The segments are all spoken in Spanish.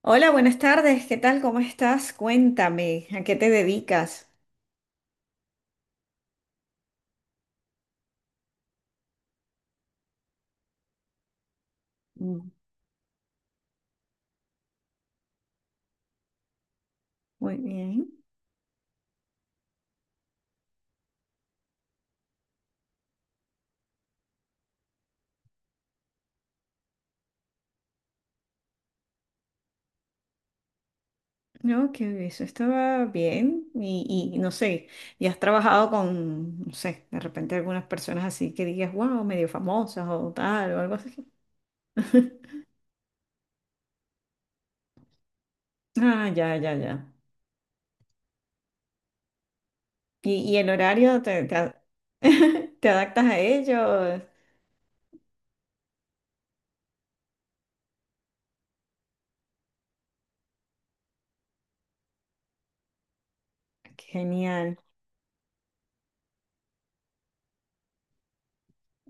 Hola, buenas tardes. ¿Qué tal? ¿Cómo estás? Cuéntame, ¿a qué te dedicas? Mm. Muy bien. No, que eso estaba bien. Y no sé, ¿y has trabajado con, no sé, de repente algunas personas así que digas, wow, medio famosas o tal o algo así? Ah, ya, ya, ya. Y el horario te adaptas a ellos? Genial.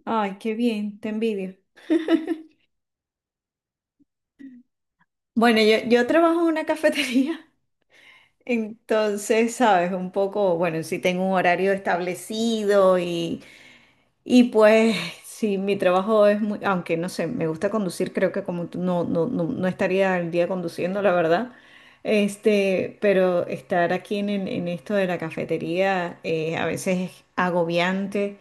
Ay, qué bien, te envidio. Bueno, yo trabajo en una cafetería. Entonces, sabes, un poco, bueno, sí tengo un horario establecido y pues sí, mi trabajo es muy, aunque no sé, me gusta conducir, creo que como tú, no estaría el día conduciendo, la verdad. Este, pero estar aquí en esto de la cafetería a veces es agobiante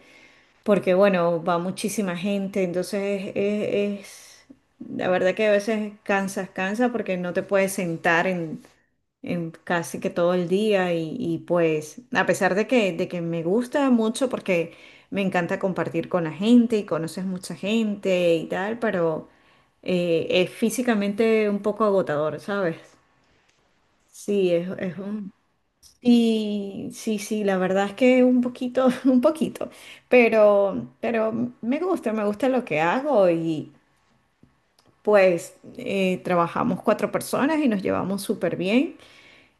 porque, bueno, va muchísima gente, la verdad que a veces cansa porque no te puedes sentar en casi que todo el día y, pues a pesar de de que me gusta mucho porque me encanta compartir con la gente y conoces mucha gente y tal, pero es físicamente un poco agotador, ¿sabes? Sí, es un... Sí, sí, sí, la verdad es que un poquito, un poquito, pero me gusta lo que hago y pues trabajamos cuatro personas y nos llevamos súper bien.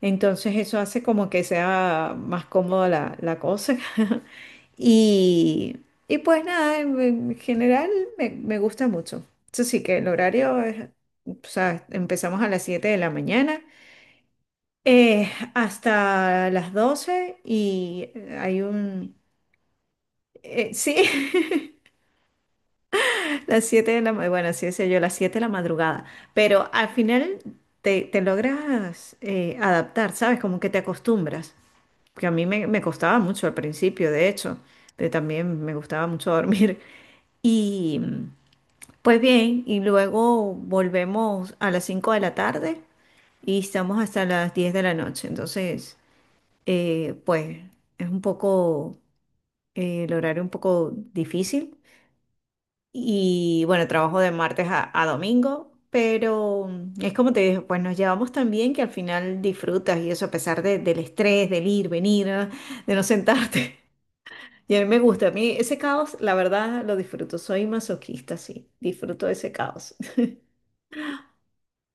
Entonces eso hace como que sea más cómoda la cosa. Y, y pues nada, en general me gusta mucho. Eso sí que el horario es, o sea, empezamos a las 7 de la mañana hasta las 12 y hay un... sí, las 7 de la... ma- Bueno, así decía yo, las 7 de la madrugada. Pero al final te logras adaptar, ¿sabes? Como que te acostumbras, que a mí me costaba mucho al principio, de hecho, pero también me gustaba mucho dormir. Y pues bien, y luego volvemos a las 5 de la tarde y estamos hasta las 10 de la noche. Entonces, pues es un poco, el horario un poco difícil. Y bueno, trabajo de martes a domingo, pero mm, es como te dije, pues nos llevamos tan bien que al final disfrutas y eso a pesar del estrés, del ir, venir, de no sentarte. Y a mí me gusta, a mí ese caos, la verdad, lo disfruto. Soy masoquista, sí, disfruto de ese caos.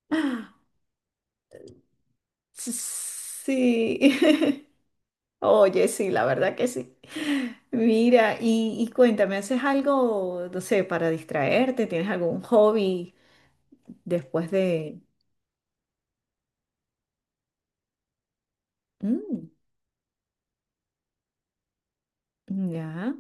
Sí, oye, sí, la verdad que sí. Mira, y cuéntame, ¿haces algo, no sé, para distraerte? ¿Tienes algún hobby después de... Mm, ya.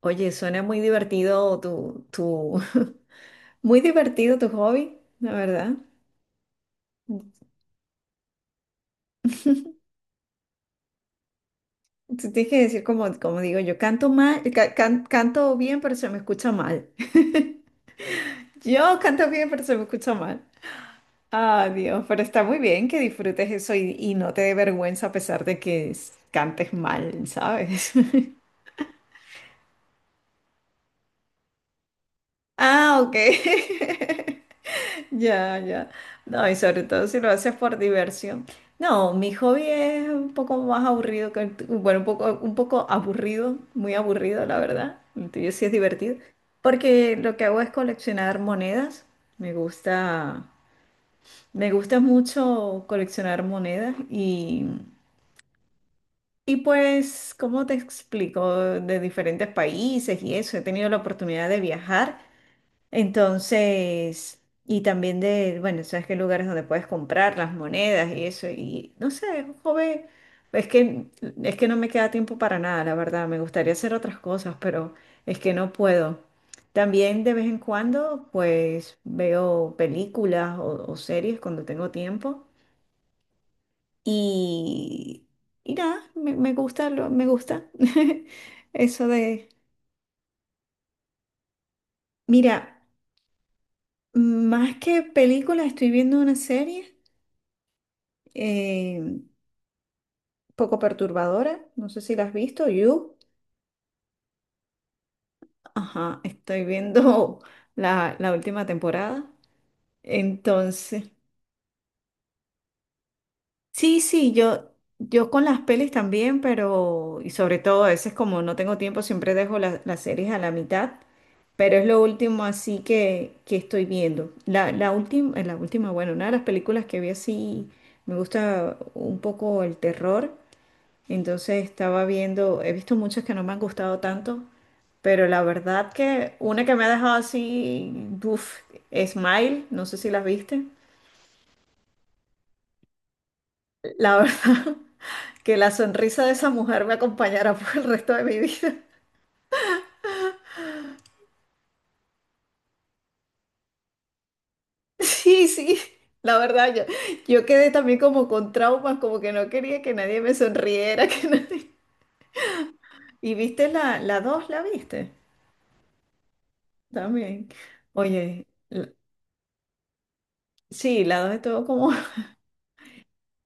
Oye, suena muy divertido tu... Muy divertido tu hobby, la verdad. Tú tienes que decir como, como digo, yo canto mal, canto bien, pero se me escucha mal. Yo canto bien, pero se me escucha mal. Ah, Dios, pero está muy bien que disfrutes eso y no te dé vergüenza a pesar de que cantes mal, ¿sabes? Ah, ok. Ya, ya. No, y sobre todo si lo haces por diversión. No, mi hobby es un poco más aburrido que el Bueno, un poco aburrido, muy aburrido, la verdad. El tuyo sí es divertido. Porque lo que hago es coleccionar monedas. Me gusta, me gusta mucho coleccionar monedas y pues, ¿cómo te explico? De diferentes países y eso. He tenido la oportunidad de viajar. Entonces, y también de, bueno, sabes que hay lugares donde puedes comprar las monedas y eso, y no sé, joven, es que, es que no me queda tiempo para nada, la verdad, me gustaría hacer otras cosas, pero es que no puedo. También de vez en cuando, pues veo películas o series cuando tengo tiempo y, y nada, me gusta, me gusta eso de, mira, más que películas, estoy viendo una serie. eh, poco perturbadora. No sé si la has visto, You. Ajá, estoy viendo la última temporada. Entonces, sí, sí, yo con las pelis también, pero, y sobre todo a veces como no tengo tiempo, siempre dejo las series a la mitad, pero es lo último así que estoy viendo. La última, bueno, una de las películas que vi así, me gusta un poco el terror, entonces estaba viendo, he visto muchas que no me han gustado tanto. Pero la verdad que una que me ha dejado así, uff, Smile, no sé si las viste. La verdad que la sonrisa de esa mujer me acompañará por el resto de mi vida. Sí, sí, la verdad, yo quedé también como con traumas, como que no quería que nadie me sonriera, que nadie... ¿Y viste la dos, la viste? También. Oye, la- sí, la dos estuvo como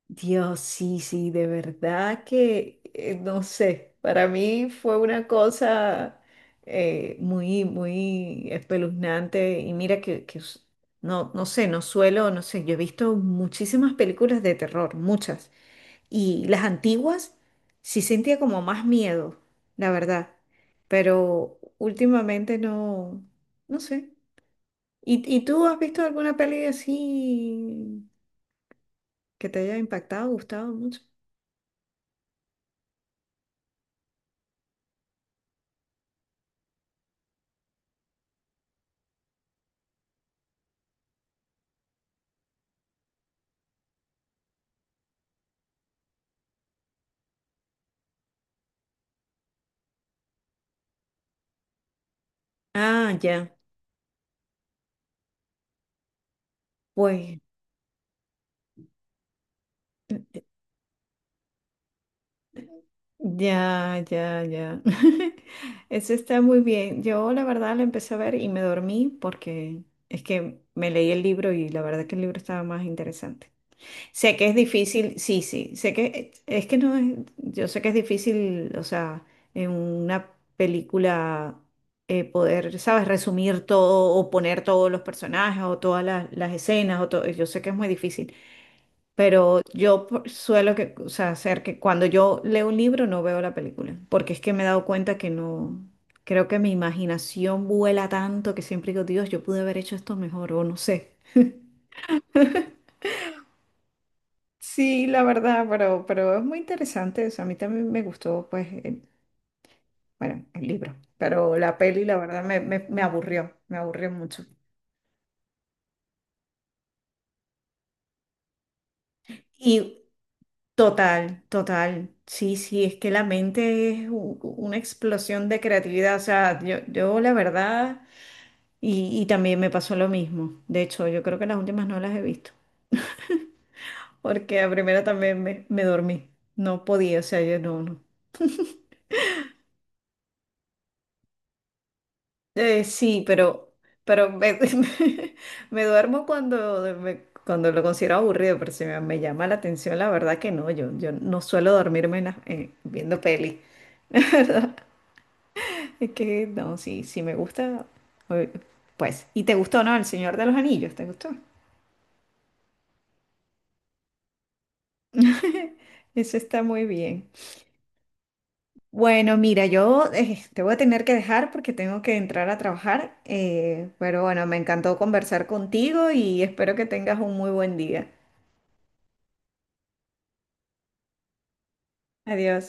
Dios. Sí, sí, de verdad que, no sé, para mí fue una cosa muy, muy espeluznante y mira que no, no sé, no suelo, no sé, yo he visto muchísimas películas de terror, muchas, y las antiguas sí sentía como más miedo, la verdad, pero últimamente no, no sé. Y tú has visto alguna peli así que te haya impactado, gustado mucho? Ah, ya, pues, ya, ya, ya. Eso está muy bien. Yo la verdad lo empecé a ver y me dormí porque es que me leí el libro y la verdad que el libro estaba más interesante. Sé que es difícil, sí, sí, sé que es que no es, yo sé que es difícil, o sea, en una película poder, ¿sabes? Resumir todo o poner todos los personajes o todas las escenas o todo. Yo sé que es muy difícil. Pero yo suelo que, o sea, hacer que cuando yo leo un libro no veo la película, porque es que me he dado cuenta que no, creo que mi imaginación vuela tanto que siempre digo, Dios, yo pude haber hecho esto mejor o no sé. Sí, la verdad, pero es muy interesante, o sea, a mí también me gustó, pues, bueno, el libro, pero la peli, la verdad, me, me aburrió mucho. Y total, total, sí, sí, es que la mente es una explosión de creatividad, o sea, yo la verdad... Y, y también me pasó lo mismo. De hecho, yo creo que las últimas no las he visto. Porque a primera también me dormí. No podía, o sea, yo no, no. Sí, pero me, me duermo cuando, cuando lo considero aburrido, pero si me, me llama la atención, la verdad que no. Yo no suelo dormirme en viendo peli. ¿Verdad? Es que no, sí, sí me gusta. Eh, pues, ¿y te gustó, no? El Señor de los Anillos, ¿te gustó? Eso está muy bien. Bueno, mira, yo te voy a tener que dejar porque tengo que entrar a trabajar, pero bueno, me encantó conversar contigo y espero que tengas un muy buen día. Adiós.